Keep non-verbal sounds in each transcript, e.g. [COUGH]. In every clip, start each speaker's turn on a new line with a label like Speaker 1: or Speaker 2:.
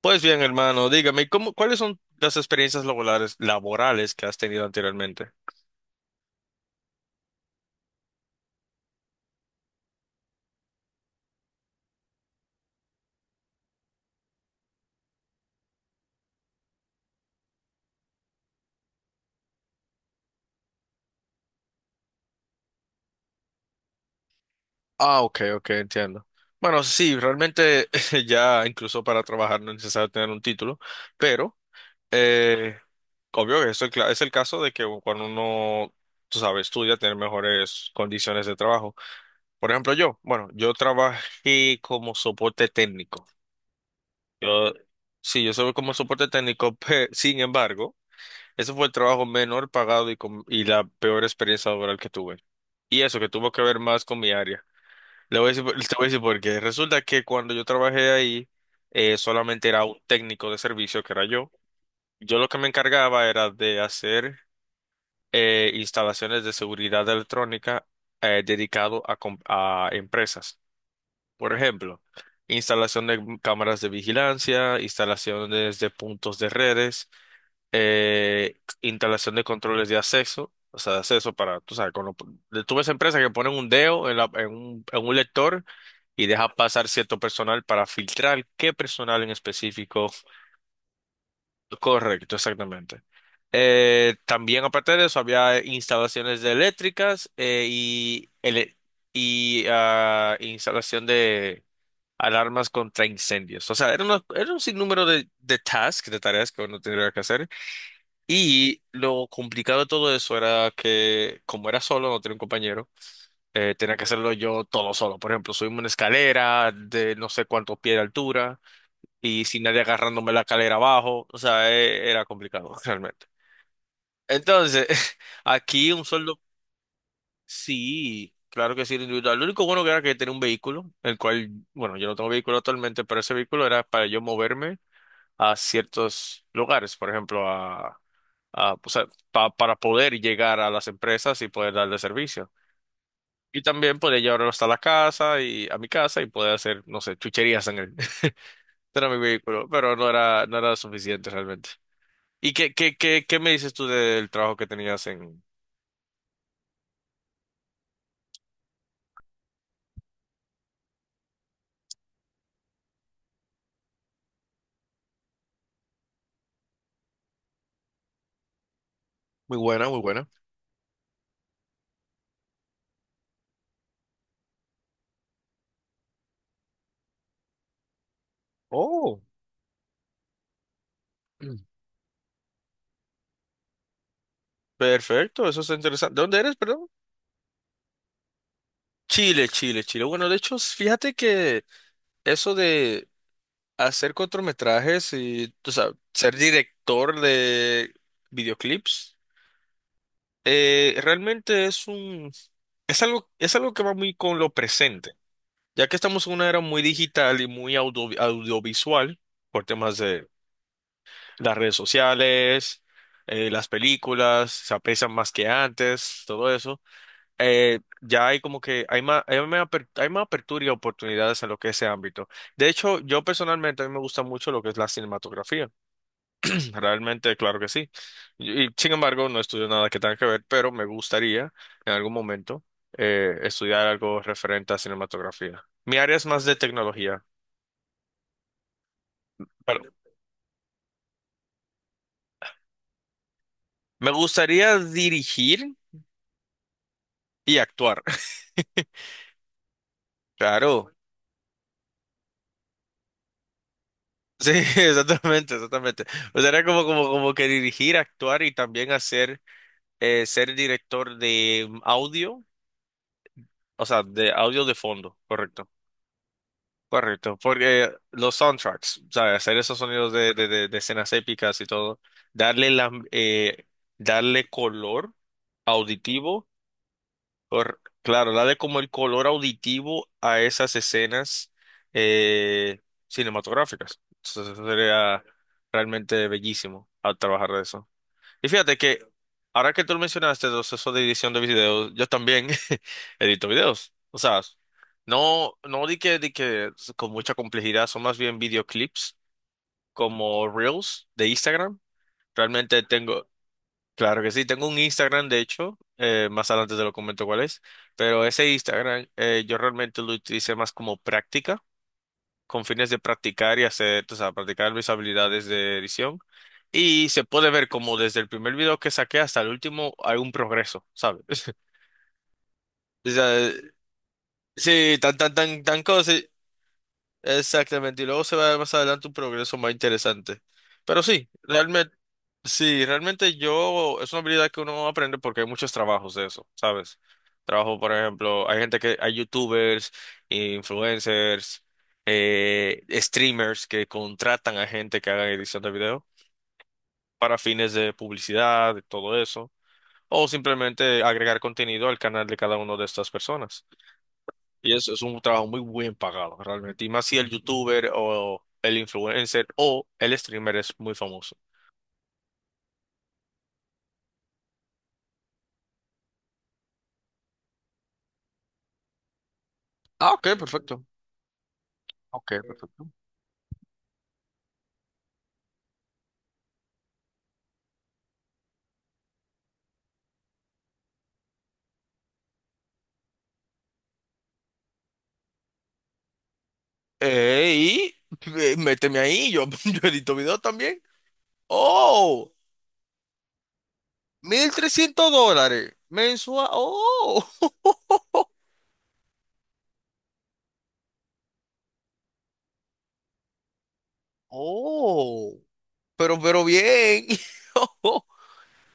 Speaker 1: Pues bien, hermano, dígame, ¿cómo, cuáles son las experiencias laborales, que has tenido anteriormente? Ah, ok, ok, entiendo. Bueno, sí, realmente [LAUGHS] ya incluso para trabajar no es necesario tener un título, pero eh, obvio que eso es es el caso de que cuando uno, tú sabes, estudia, tener mejores condiciones de trabajo. Por ejemplo, yo, bueno, yo trabajé como soporte técnico. Yo, sí, yo soy como soporte técnico, [LAUGHS] sin embargo. Ese fue el trabajo menor pagado y la peor experiencia laboral que tuve. Y eso, que tuvo que ver más con mi área. Le voy a decir, te voy a decir por qué. Resulta que cuando yo trabajé ahí, solamente era un técnico de servicio, que era yo. Yo lo que me encargaba era de hacer instalaciones de seguridad electrónica dedicado a empresas. Por ejemplo, instalación de cámaras de vigilancia, instalaciones de puntos de redes instalación de controles de acceso, o sea, de acceso para, tú sabes, tú ves empresas que ponen un dedo en en un lector y deja pasar cierto personal para filtrar qué personal en específico. Correcto, exactamente. También aparte de eso había instalaciones de eléctricas y instalación de alarmas contra incendios. O sea, era un sinnúmero de tasks, de tareas que uno tendría que hacer. Y lo complicado de todo eso era que, como era solo, no tenía un compañero, tenía que hacerlo yo todo solo. Por ejemplo, subimos una escalera de no sé cuántos pies de altura y sin nadie agarrándome la escalera abajo. O sea, era complicado [LAUGHS] realmente. Entonces, [LAUGHS] aquí un sueldo, sí, claro que sí, era individual. Lo único bueno que era que tenía un vehículo, el cual, bueno, yo no tengo vehículo actualmente, pero ese vehículo era para yo moverme a ciertos lugares, por ejemplo, o sea, para poder llegar a las empresas y poder darle servicio. Y también podía llevarlo hasta la casa y a mi casa y poder hacer, no sé, chucherías en él. [LAUGHS] Era mi vehículo, pero no era suficiente realmente. ¿Y qué me dices tú del trabajo que tenías en... Muy buena, muy buena. Oh, mm, perfecto, eso es interesante. ¿De dónde eres, perdón? Chile, Chile, Chile. Bueno, de hecho, fíjate que eso de hacer cortometrajes y, o sea, ser director de videoclips, realmente es algo que va muy con lo presente, ya que estamos en una era muy digital y muy audiovisual por temas de las redes sociales, las películas, se aprecian más que antes, todo eso. Ya hay como que hay más apertura y oportunidades en lo que es ese ámbito. De hecho, yo personalmente a mí me gusta mucho lo que es la cinematografía. Realmente, claro que sí. Y sin embargo, no estudio nada que tenga que ver, pero me gustaría en algún momento estudiar algo referente a cinematografía. Mi área es más de tecnología, pero me gustaría dirigir y actuar. [LAUGHS] Claro. Sí, [LAUGHS] exactamente, exactamente. O sea, era como que dirigir, actuar y también hacer, ser director de audio, o sea, de audio de fondo, correcto. Correcto, porque los soundtracks, o sea, hacer esos sonidos de escenas épicas y todo, darle la, eh, darle color auditivo, claro, darle como el color auditivo a esas escenas eh, cinematográficas. Entonces, eso sería realmente bellísimo al trabajar de eso. Y fíjate que ahora que tú lo mencionaste, eso de edición de videos, yo también [LAUGHS] edito videos. O sea, no, no di que, di que con mucha complejidad, son más bien videoclips como Reels de Instagram. Realmente tengo, claro que sí, tengo un Instagram, de hecho, más adelante te lo comento cuál es, pero ese Instagram yo realmente lo utilicé más como práctica con fines de practicar y hacer, o sea, practicar mis habilidades de edición. Y se puede ver como desde el primer video que saqué hasta el último hay un progreso, ¿sabes? [LAUGHS] O sea, sí, tan cosas. Sí, exactamente. Y luego se va a ver más adelante un progreso más interesante. Pero sí, realmente. Sí, realmente yo, es una habilidad que uno aprende porque hay muchos trabajos de eso, ¿sabes? Trabajo, por ejemplo, hay youtubers, influencers, streamers que contratan a gente que haga edición de video para fines de publicidad y todo eso, o simplemente agregar contenido al canal de cada una de estas personas. Y eso es un trabajo muy bien pagado, realmente. Y más si el youtuber o el influencer o el streamer es muy famoso. Eh, y méteme ahí, yo, [LAUGHS] yo edito videos también. Oh, $1,300 mensual. Oh, [LAUGHS] oh, pero bien. [LAUGHS]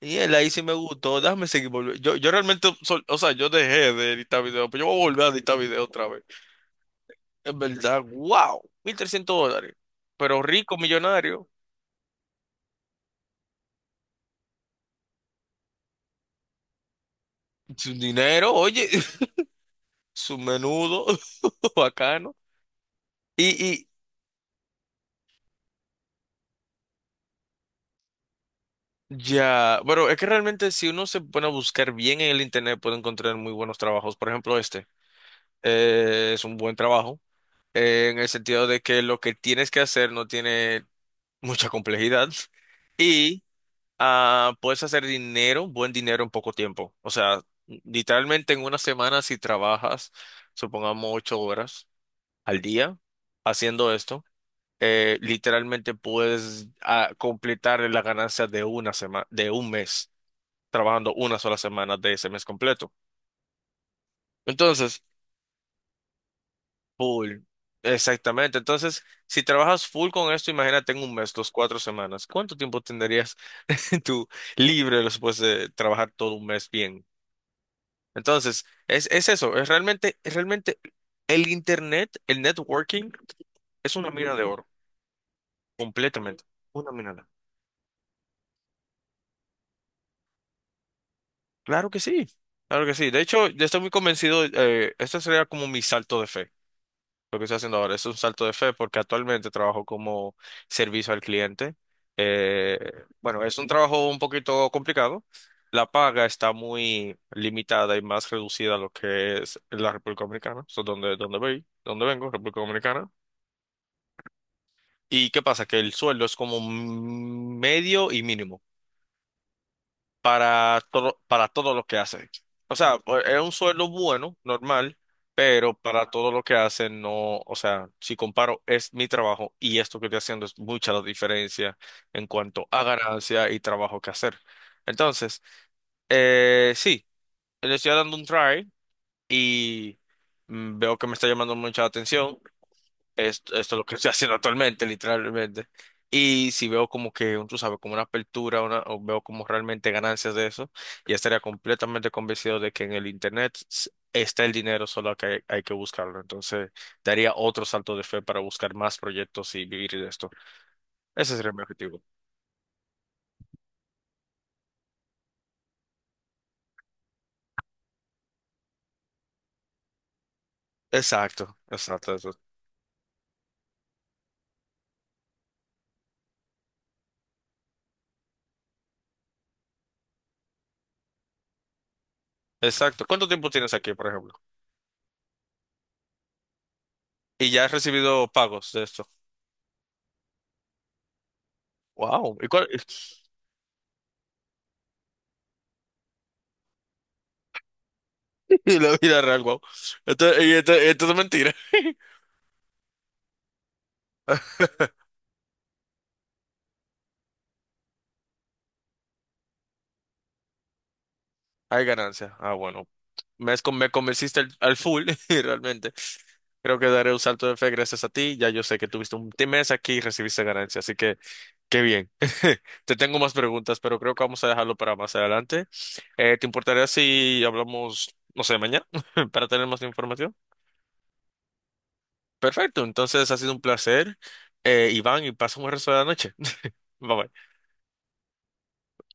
Speaker 1: Y él ahí sí me gustó. Déjame seguir volviendo. Yo realmente, o sea, yo dejé de editar videos, pero yo voy a volver a editar videos otra vez. En verdad, wow, $1,300. Pero rico, millonario. Su dinero, oye, [LAUGHS] su menudo, [LAUGHS] bacano. Y, Ya, bueno, es que realmente si uno se pone a buscar bien en el internet puede encontrar muy buenos trabajos. Por ejemplo, este es un buen trabajo en el sentido de que lo que tienes que hacer no tiene mucha complejidad [LAUGHS] y puedes hacer dinero, buen dinero en poco tiempo. O sea, literalmente en una semana si trabajas, supongamos 8 horas al día haciendo esto, literalmente puedes completar la ganancia de una semana, de un mes trabajando una sola semana de ese mes completo. Entonces, full. Exactamente. Entonces, si trabajas full con esto, imagínate en un mes, dos, cuatro semanas. ¿Cuánto tiempo tendrías [LAUGHS] tú libre después de trabajar todo un mes bien? Entonces, es eso. Es realmente el internet, el networking, es una mina de oro. Completamente. Una mina de oro. Claro que sí. Claro que sí. De hecho, yo estoy muy convencido. Este sería como mi salto de fe. Lo que estoy haciendo ahora es un salto de fe porque actualmente trabajo como servicio al cliente. Eh, bueno, es un trabajo un poquito complicado. La paga está muy limitada y más reducida a lo que es la República Dominicana, so, donde, donde voy, donde vengo, República Dominicana. ¿Y qué pasa? Que el sueldo es como medio y mínimo, para todo lo que hacen. O sea, pues, es un sueldo bueno, normal, pero para todo lo que hacen, no, o sea, si comparo, es mi trabajo y esto que estoy haciendo es mucha la diferencia en cuanto a ganancia y trabajo que hacer. Entonces, sí, le estoy dando un try y mm, veo que me está llamando mucha la atención. Esto es lo que [LAUGHS] estoy haciendo actualmente, literalmente. Y si veo como que, tú sabes, como una apertura, una, o veo como realmente ganancias de eso, ya estaría completamente convencido de que en el Internet está el dinero, solo que hay que buscarlo. Entonces, daría otro salto de fe para buscar más proyectos y vivir de esto. Ese sería mi objetivo. Exacto, exacto, exacto. Exacto. ¿Cuánto tiempo tienes aquí, por ejemplo? Y ya has recibido pagos de esto. Wow. ¿Y cuál? [LAUGHS] Y la vida real, wow. Esto es mentira. [LAUGHS] Hay ganancia. Ah, bueno. Me convenciste al full, [LAUGHS] y realmente. Creo que daré un salto de fe gracias a ti. Ya yo sé que tuviste un mes aquí y recibiste ganancia, así que qué bien. [LAUGHS] Te tengo más preguntas, pero creo que vamos a dejarlo para más adelante. ¿Te importaría si hablamos, no sé, mañana [LAUGHS] para tener más información? Perfecto, entonces ha sido un placer, Iván, y pasa un buen resto de la noche. [LAUGHS] Bye bye.